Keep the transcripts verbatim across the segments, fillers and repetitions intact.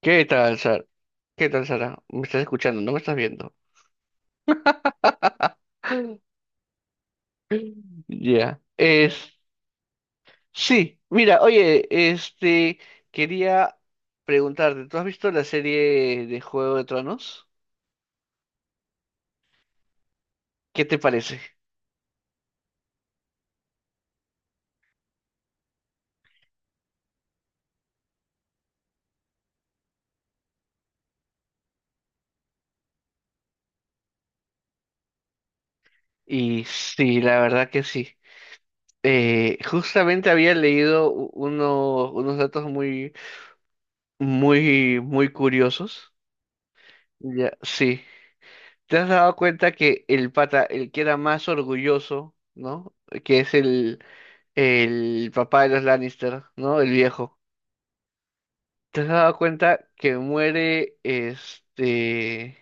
¿Qué tal, Sara? ¿Qué tal, Sara? ¿Me estás escuchando? ¿No me estás viendo? Ya. Es... Sí, mira, oye, este... quería preguntarte, ¿tú has visto la serie de Juego de Tronos? ¿Qué te parece? Y sí, la verdad que sí. Eh, justamente había leído u- uno- unos datos muy, muy, muy curiosos. Ya, sí. ¿Te has dado cuenta que el pata, el que era más orgulloso, ¿no? Que es el, el papá de los Lannister, ¿no? El viejo. ¿Te has dado cuenta que muere, este,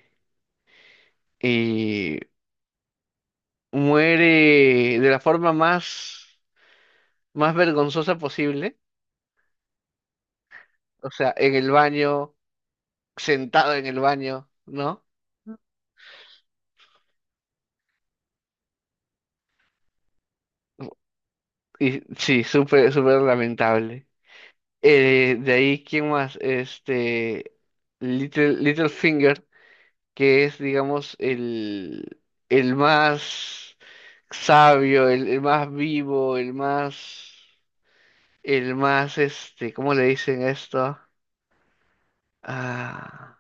y muere de la forma más, más vergonzosa posible? O sea, en el baño, sentado en el baño, ¿no? Y sí, súper, súper lamentable. Eh, de ahí, ¿quién más? Este, Little, Littlefinger. Que es, digamos, el, el más sabio, el, el más vivo, el más, el más, este, ¿cómo le dicen esto? Ah,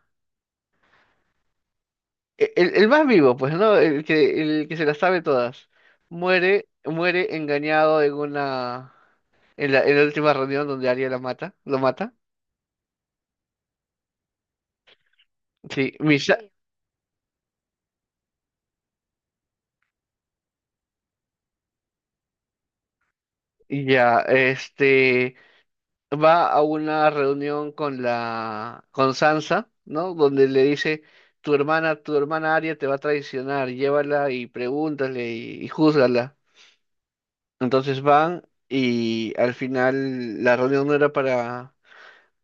e- el, el más vivo, pues, ¿no? El que, el que se las sabe todas. Muere, muere engañado en una, en la, en la última reunión donde Arya la mata, lo mata. Sí, Misha, sí. Ya, este. Va a una reunión con la con Sansa, ¿no? Donde le dice, tu hermana, tu hermana Arya te va a traicionar, llévala y pregúntale y, y júzgala. Entonces van y al final la reunión no era para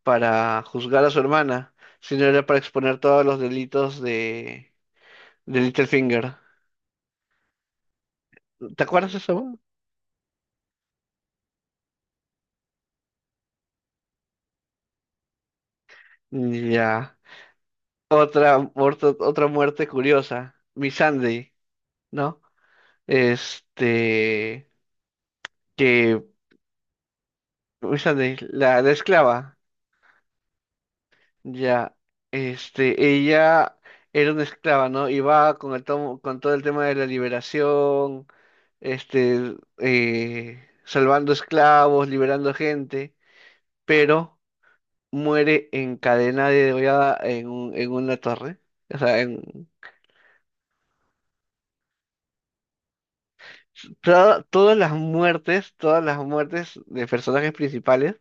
para juzgar a su hermana, sino era para exponer todos los delitos de de Littlefinger. ¿Te acuerdas de eso? Ya. Otra, muerto- otra muerte curiosa, Missandei, ¿no? Este, que esa de la, la esclava, ya, este, ella era una esclava, ¿no? Iba con el tomo- con todo el tema de la liberación, este, eh, salvando esclavos, liberando gente, pero muere encadenada y degollada en un- en una torre. O sea, en, toda- todas las muertes, todas las muertes de personajes principales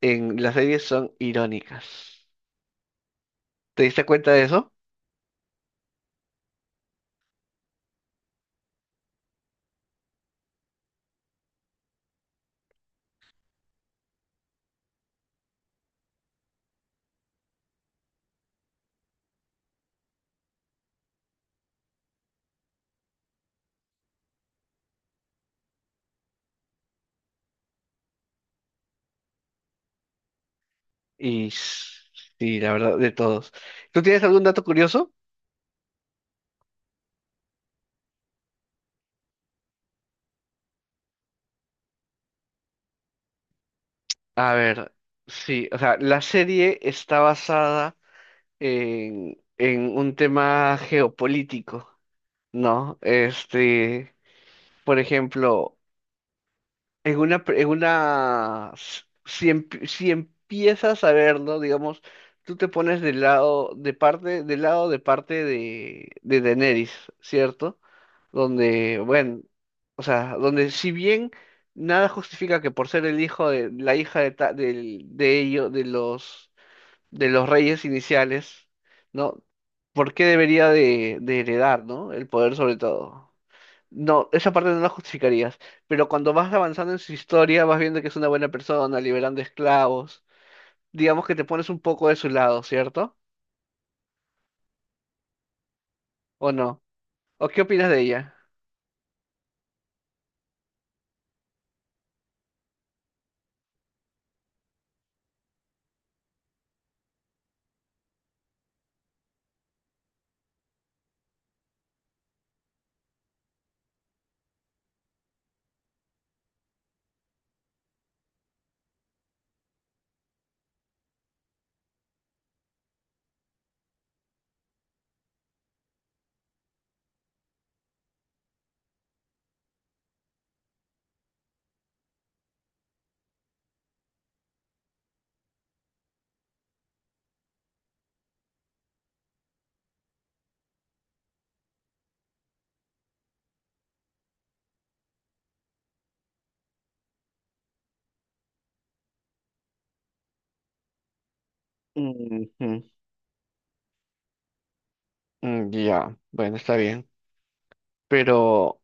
en la serie son irónicas. ¿Te diste cuenta de eso? Y sí, la verdad, de todos. ¿Tú tienes algún dato curioso? A ver, sí, o sea, la serie está basada en, en un tema geopolítico, ¿no? Este, por ejemplo, en una, pre- en una, s- si, em- si empiezas a verlo, digamos, tú te pones del lado, de parte, del lado de parte de, de Daenerys, ¿cierto? Donde, bueno, o sea, donde si bien nada justifica que por ser el hijo de la hija de, ta- del- de ellos, de los, de los reyes iniciales, ¿no? ¿Por qué debería de, de heredar, ¿no? El poder sobre todo. No, esa parte no la justificarías, pero cuando vas avanzando en su historia, vas viendo que es una buena persona, liberando esclavos, digamos que te pones un poco de su lado, ¿cierto? ¿O no? ¿O qué opinas de ella? Ujú. Mm, ya, bueno, está bien. Pero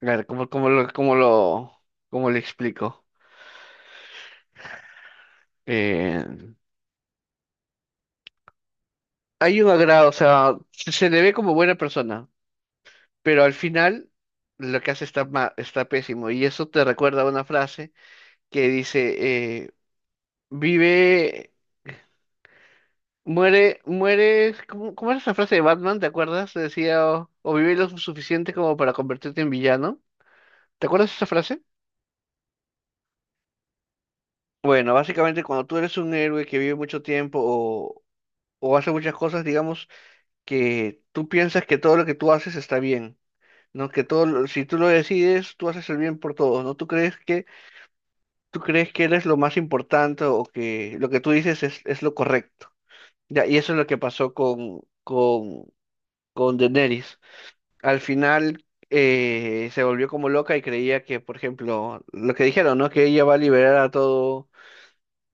claro, como, como lo, como lo, como le explico. Eh, hay un agrado, o sea, se, se le ve como buena persona, pero al final lo que hace está, ma- está pésimo. Y eso te recuerda a una frase que dice, eh, vive, muere, muere, ¿cómo, ¿cómo era esa frase de Batman? ¿Te acuerdas? Decía, o, o vive lo suficiente como para convertirte en villano. ¿Te acuerdas de esa frase? Bueno, básicamente cuando tú eres un héroe que vive mucho tiempo o, o hace muchas cosas, digamos, que tú piensas que todo lo que tú haces está bien, ¿no? Que todo, lo- si tú lo decides, tú haces el bien por todos, ¿no? Tú crees que, tú crees que eres lo más importante o que lo que tú dices es, es lo correcto. Ya, y eso es lo que pasó con, con, con Daenerys. Al final eh, se volvió como loca y creía que, por ejemplo, lo que dijeron, ¿no? Que ella va a liberar a todo,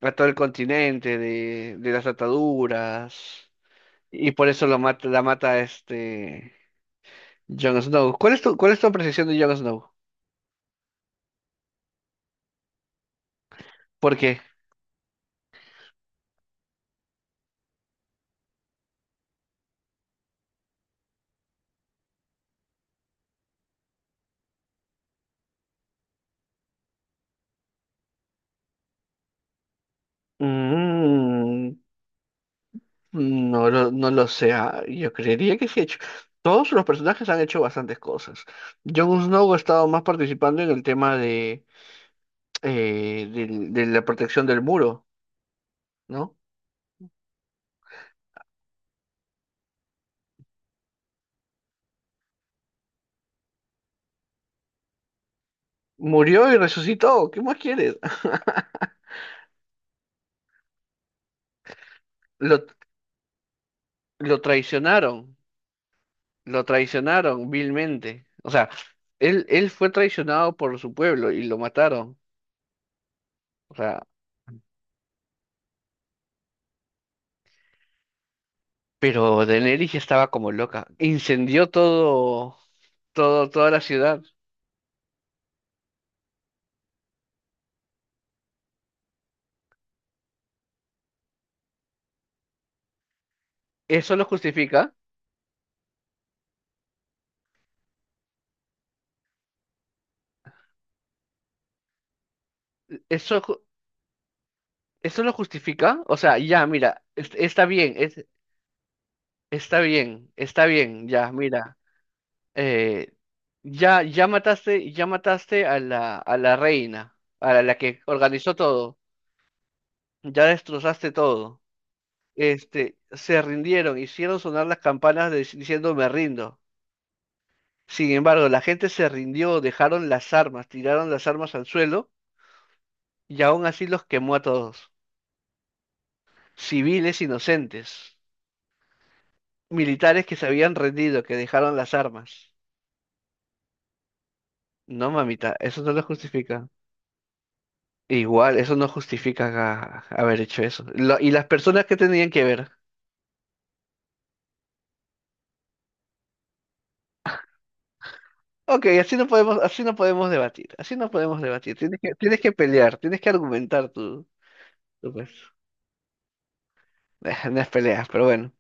a todo el continente de, de las ataduras. Y por eso lo mata, la mata este Jon Snow. ¿Cuál es tu, cuál es tu apreciación de Jon Snow? ¿Por qué? Mm, no lo, no lo sé. Ah, yo creería que sí ha hecho. Todos los personajes han hecho bastantes cosas. Jon Snow ha estado más participando en el tema de, eh, del- de la protección del muro, ¿no? Murió y resucitó. ¿Qué más quieres? Lo, lo traicionaron, lo traicionaron vilmente. O sea, él, él fue traicionado por su pueblo y lo mataron. O sea, pero Daenerys ya estaba como loca. Incendió todo, todo, toda la ciudad. ¿Eso lo justifica? ¿Eso, ju- ¿eso lo justifica? O sea, ya, mira, es- está bien, es- está bien, está bien, ya, mira. eh, ya, ya mataste, ya mataste a la, a la reina, a la, la que organizó todo. Ya destrozaste todo. Este, se rindieron, hicieron sonar las campanas de- diciendo me rindo. Sin embargo, la gente se rindió, dejaron las armas, tiraron las armas al suelo y aún así los quemó a todos. Civiles inocentes, militares que se habían rendido, que dejaron las armas. No, mamita, eso no lo justifica. Igual, eso no justifica ga- haber hecho eso. Lo- y las personas que tenían que ver. Ok, así no podemos, así no podemos debatir, así no podemos debatir. Tienes que, tienes que pelear, tienes que argumentar tú, tú pues. No es peleas, pero bueno.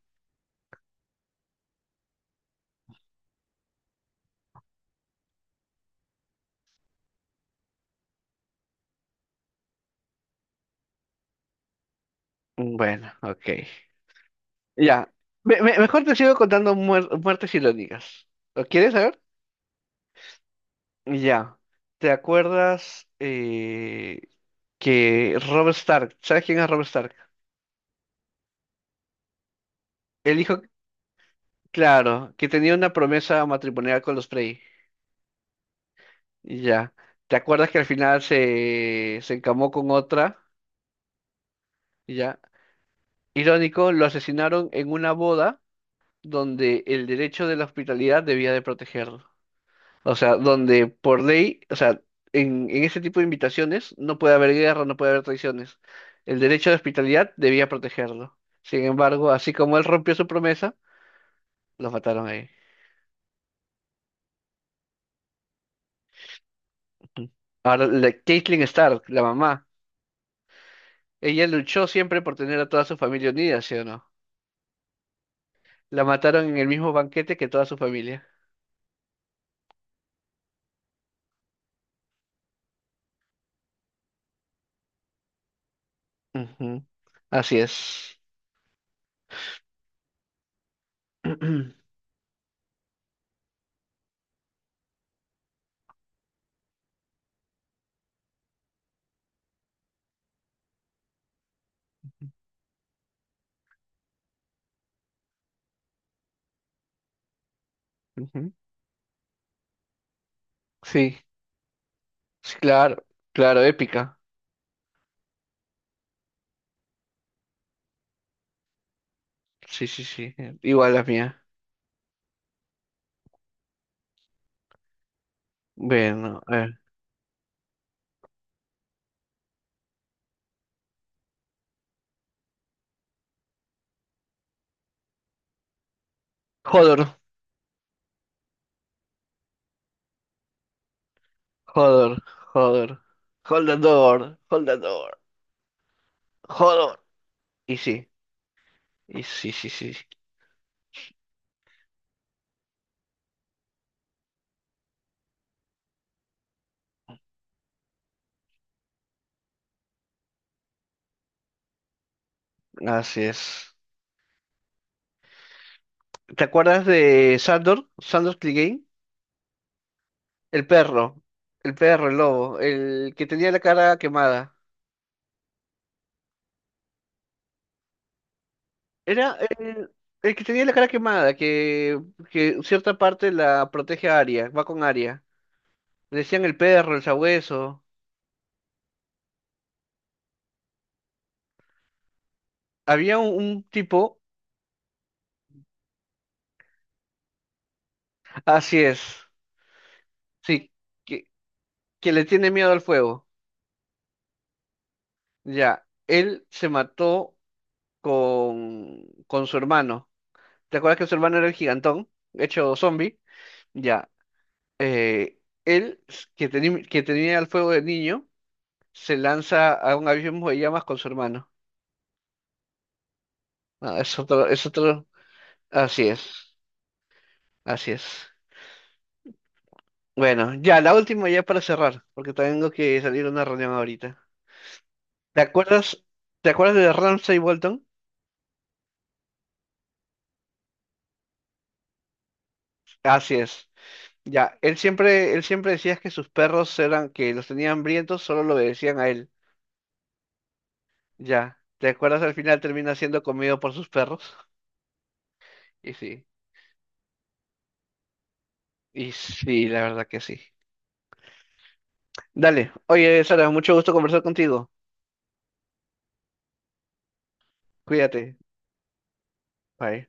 Bueno, ok. Ya. Me- me- mejor te sigo contando muer- muertes irónicas. ¿Lo quieres saber? Ya. ¿Te acuerdas eh, que Robert Stark? ¿Sabes quién es Robert Stark? El hijo, claro, que tenía una promesa matrimonial con los Frey. Ya. ¿Te acuerdas que al final se, se encamó con otra? Ya. Irónico, lo asesinaron en una boda donde el derecho de la hospitalidad debía de protegerlo. O sea, donde por ley, o sea, en, en ese tipo de invitaciones no puede haber guerra, no puede haber traiciones. El derecho de hospitalidad debía protegerlo. Sin embargo, así como él rompió su promesa, lo mataron ahí. Ujú. Ahora, la Caitlyn Stark, la mamá, ella luchó siempre por tener a toda su familia unida, ¿sí o no? La mataron en el mismo banquete que toda su familia. Ujú. Así es. Ujú. Sí, sí, claro, claro, épica. Sí, sí, sí. Igual la mía. Bueno, Hodor, Hodor, Hodor. Hold the door, hold the door, Hodor. Y sí, y sí, sí, sí. Así es. ¿Te acuerdas de Sandor? Sandor Clegane. El perro, el perro, el lobo, el que tenía la cara quemada. Era el, el que tenía la cara quemada, que, que cierta parte la protege a Arya, va con Arya. Le decían el perro, el sabueso. Había un, un tipo, así es, sí, que, que le tiene miedo al fuego. Ya, él se mató con, con su hermano. ¿Te acuerdas que su hermano era el gigantón, hecho zombie? Ya, eh, él, s- que, teni- que tenía el fuego de niño, se lanza a un abismo de llamas con su hermano. Ah, es otro, es otro. Así es, así es. Bueno, ya, la última ya para cerrar, porque tengo que salir a una reunión ahorita. ¿Te acuerdas, ¿te acuerdas de Ramsay Bolton? Así es. Ya, él siempre, él siempre decía que sus perros eran, que los tenían hambrientos, solo lo obedecían a él. Ya, ¿te acuerdas? Al final termina siendo comido por sus perros. Y sí, y sí, la verdad que sí. Dale, oye, Sara, mucho gusto conversar contigo. Cuídate. Bye.